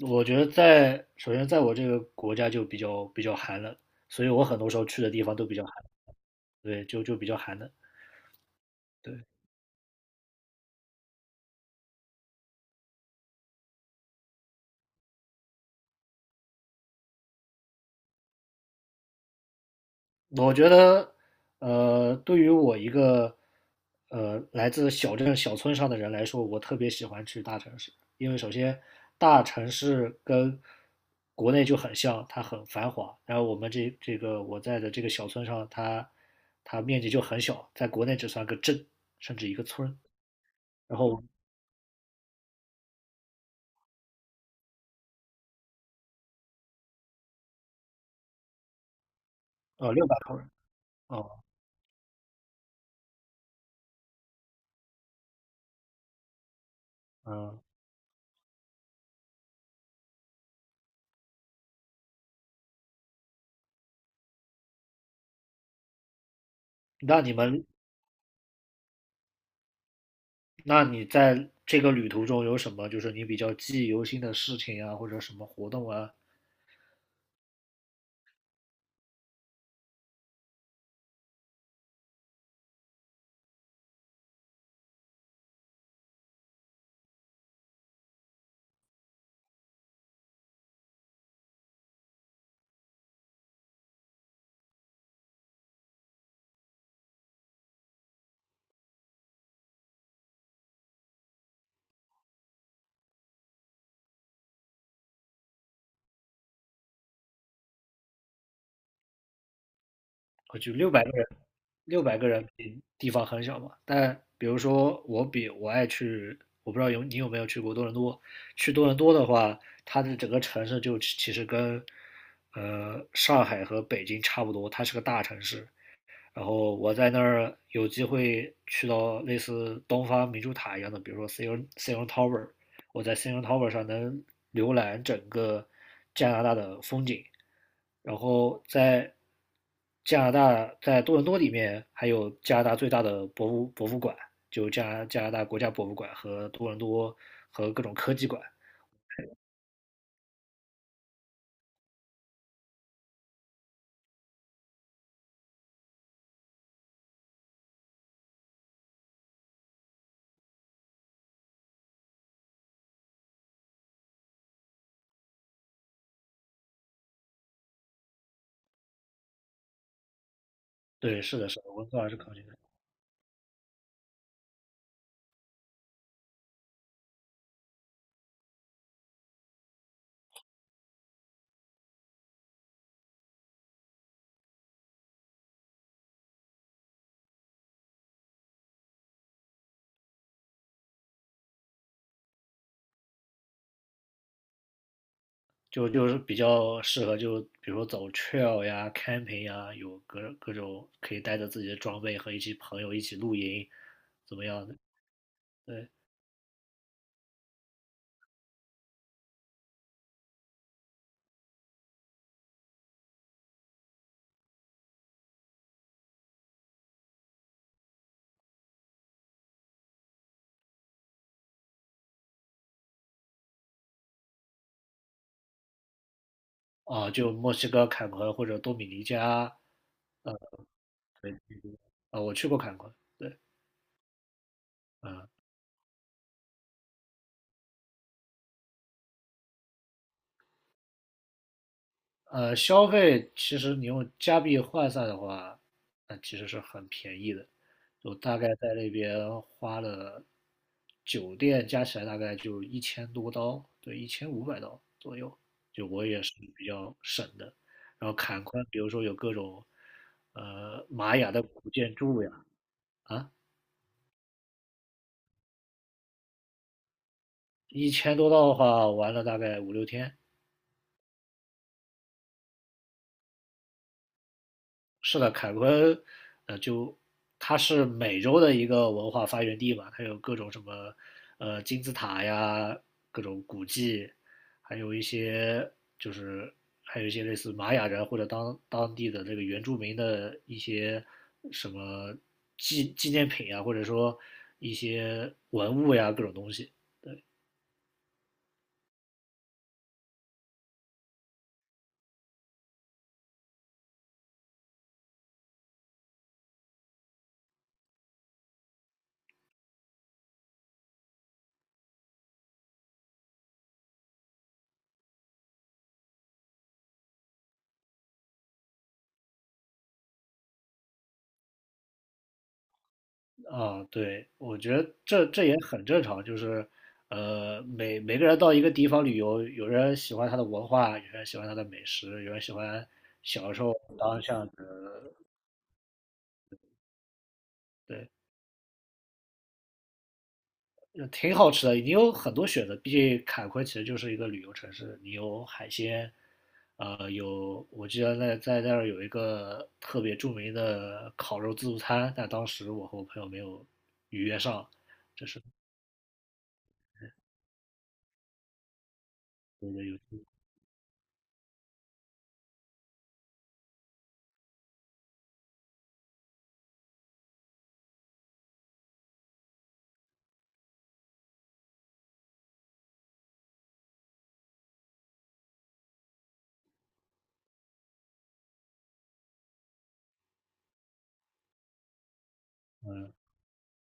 我觉得首先在我这个国家就比较寒冷，所以我很多时候去的地方都比较寒。对，就比较寒冷。对，我觉得，对于我一个来自小镇小村上的人来说，我特别喜欢去大城市。因为首先大城市跟国内就很像，它很繁华。然后我们这个我在的这个小村上，它面积就很小，在国内只算个镇，甚至一个村。然后600口人。哦，嗯，那你们，那你在这个旅途中有什么就是你比较记忆犹新的事情啊，或者什么活动啊？我就六百个人，六百个人比地方很小嘛。但比如说我比我爱去，我不知道有你有没有去过多伦多。去多伦多的话，它的整个城市就其其实跟上海和北京差不多，它是个大城市。然后我在那儿有机会去到类似东方明珠塔一样的，比如说 CN Tower。我在 CN Tower 上能浏览整个加拿大的风景。然后在加拿大，在多伦多里面还有加拿大最大的博物馆，就加拿大国家博物馆和多伦多和各种科技馆。对，是的，是的，温哥华是科技。就是比较适合就比如说走 trail 呀、camping 呀，有各种可以带着自己的装备和一些朋友一起露营，怎么样的？对啊，就墨西哥坎昆或者多米尼加。对啊，我去过坎昆，对，嗯。消费其实你用加币换算的话，那其实是很便宜的。我大概在那边花了酒店加起来大概就一千多刀，对，1500刀左右。就我也是比较省的。然后坎昆，比如说有各种玛雅的古建筑呀。啊，一千多刀的话玩了大概5、6天。是的，凯昆，呃，就它是美洲的一个文化发源地嘛。它有各种什么，金字塔呀，各种古迹。还有一些就是类似玛雅人或者当地的这个原住民的一些什么纪念品啊，或者说一些文物呀，各种东西。啊，对，我觉得这这也很正常。每个人到一个地方旅游，有人喜欢它的文化，有人喜欢它的美食，有人喜欢小时候当巷子。对，挺好吃的。你有很多选择，毕竟坎昆其实就是一个旅游城市，你有海鲜。有我记得在那儿有一个特别著名的烤肉自助餐，但当时我和我朋友没有预约上。是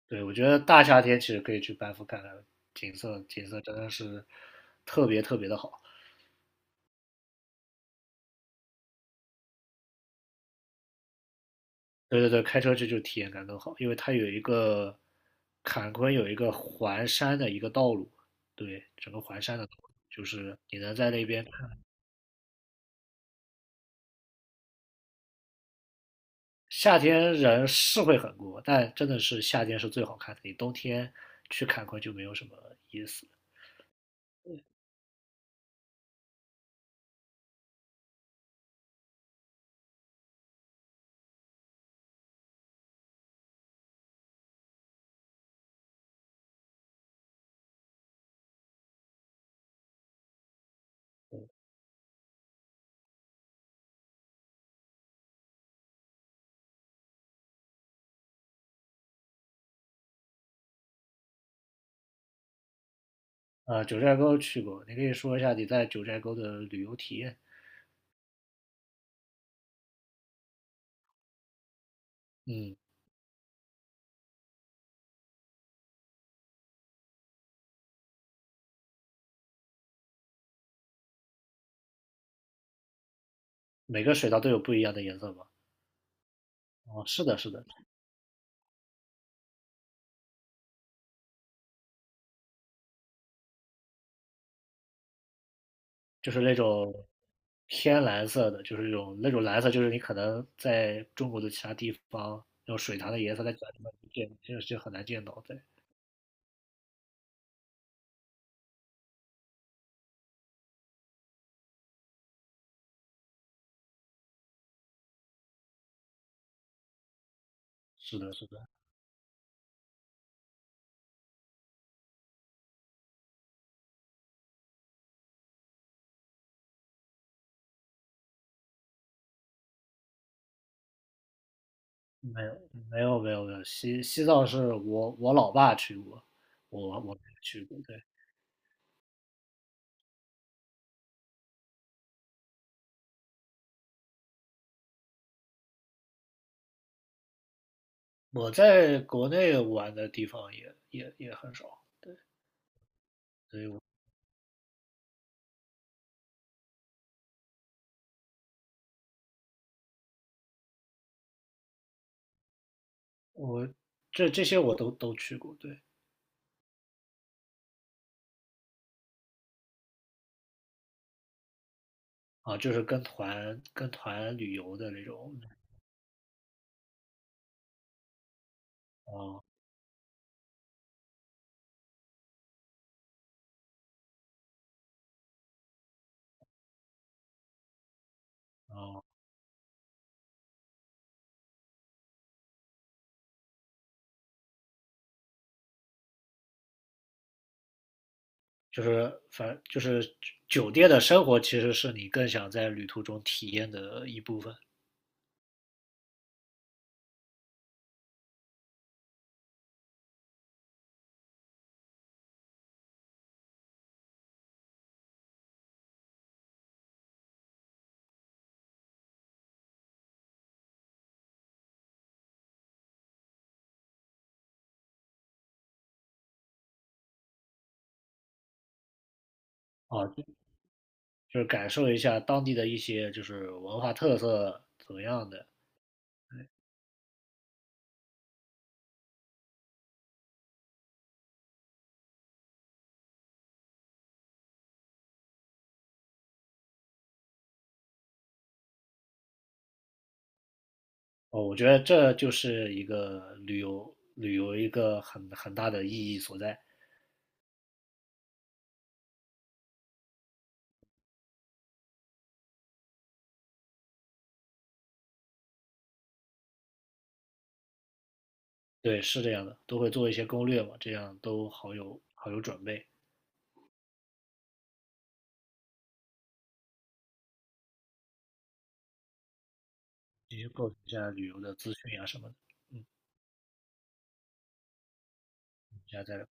对，我觉得大夏天其实可以去班夫看看景色，景色真的是特别特别的好。对对对，开车去就体验感更好。因为它有一个坎昆有一个环山的一个道路。对，整个环山的道路就是你能在那边看。夏天人是会很多，但真的是夏天是最好看的，你冬天去坎昆就没有什么意思。九寨沟去过，你可以说一下你在九寨沟的旅游体验。嗯，每个水道都有不一样的颜色吧？哦，是的，是的，就是那种偏蓝色的，就是那种蓝色，就是你可能在中国的其他地方，那种水塘的颜色，在家里面见，就很难见到。对，是的，是的，没有，没有，没有，没有。西藏是我老爸去过，我没去过。对，我在国内玩的地方也很少，这这些我都去过。对，啊，就是跟团旅游的那种。哦哦。就是反就是酒店的生活其实是你更想在旅途中体验的一部分啊，就是感受一下当地的一些就是文化特色怎么样的。哦，我觉得这就是一个旅游一个很大的意义所在。对，是这样的，都会做一些攻略嘛，这样都好有准备，进行构成一下旅游的资讯啊什么的。嗯，下次再聊。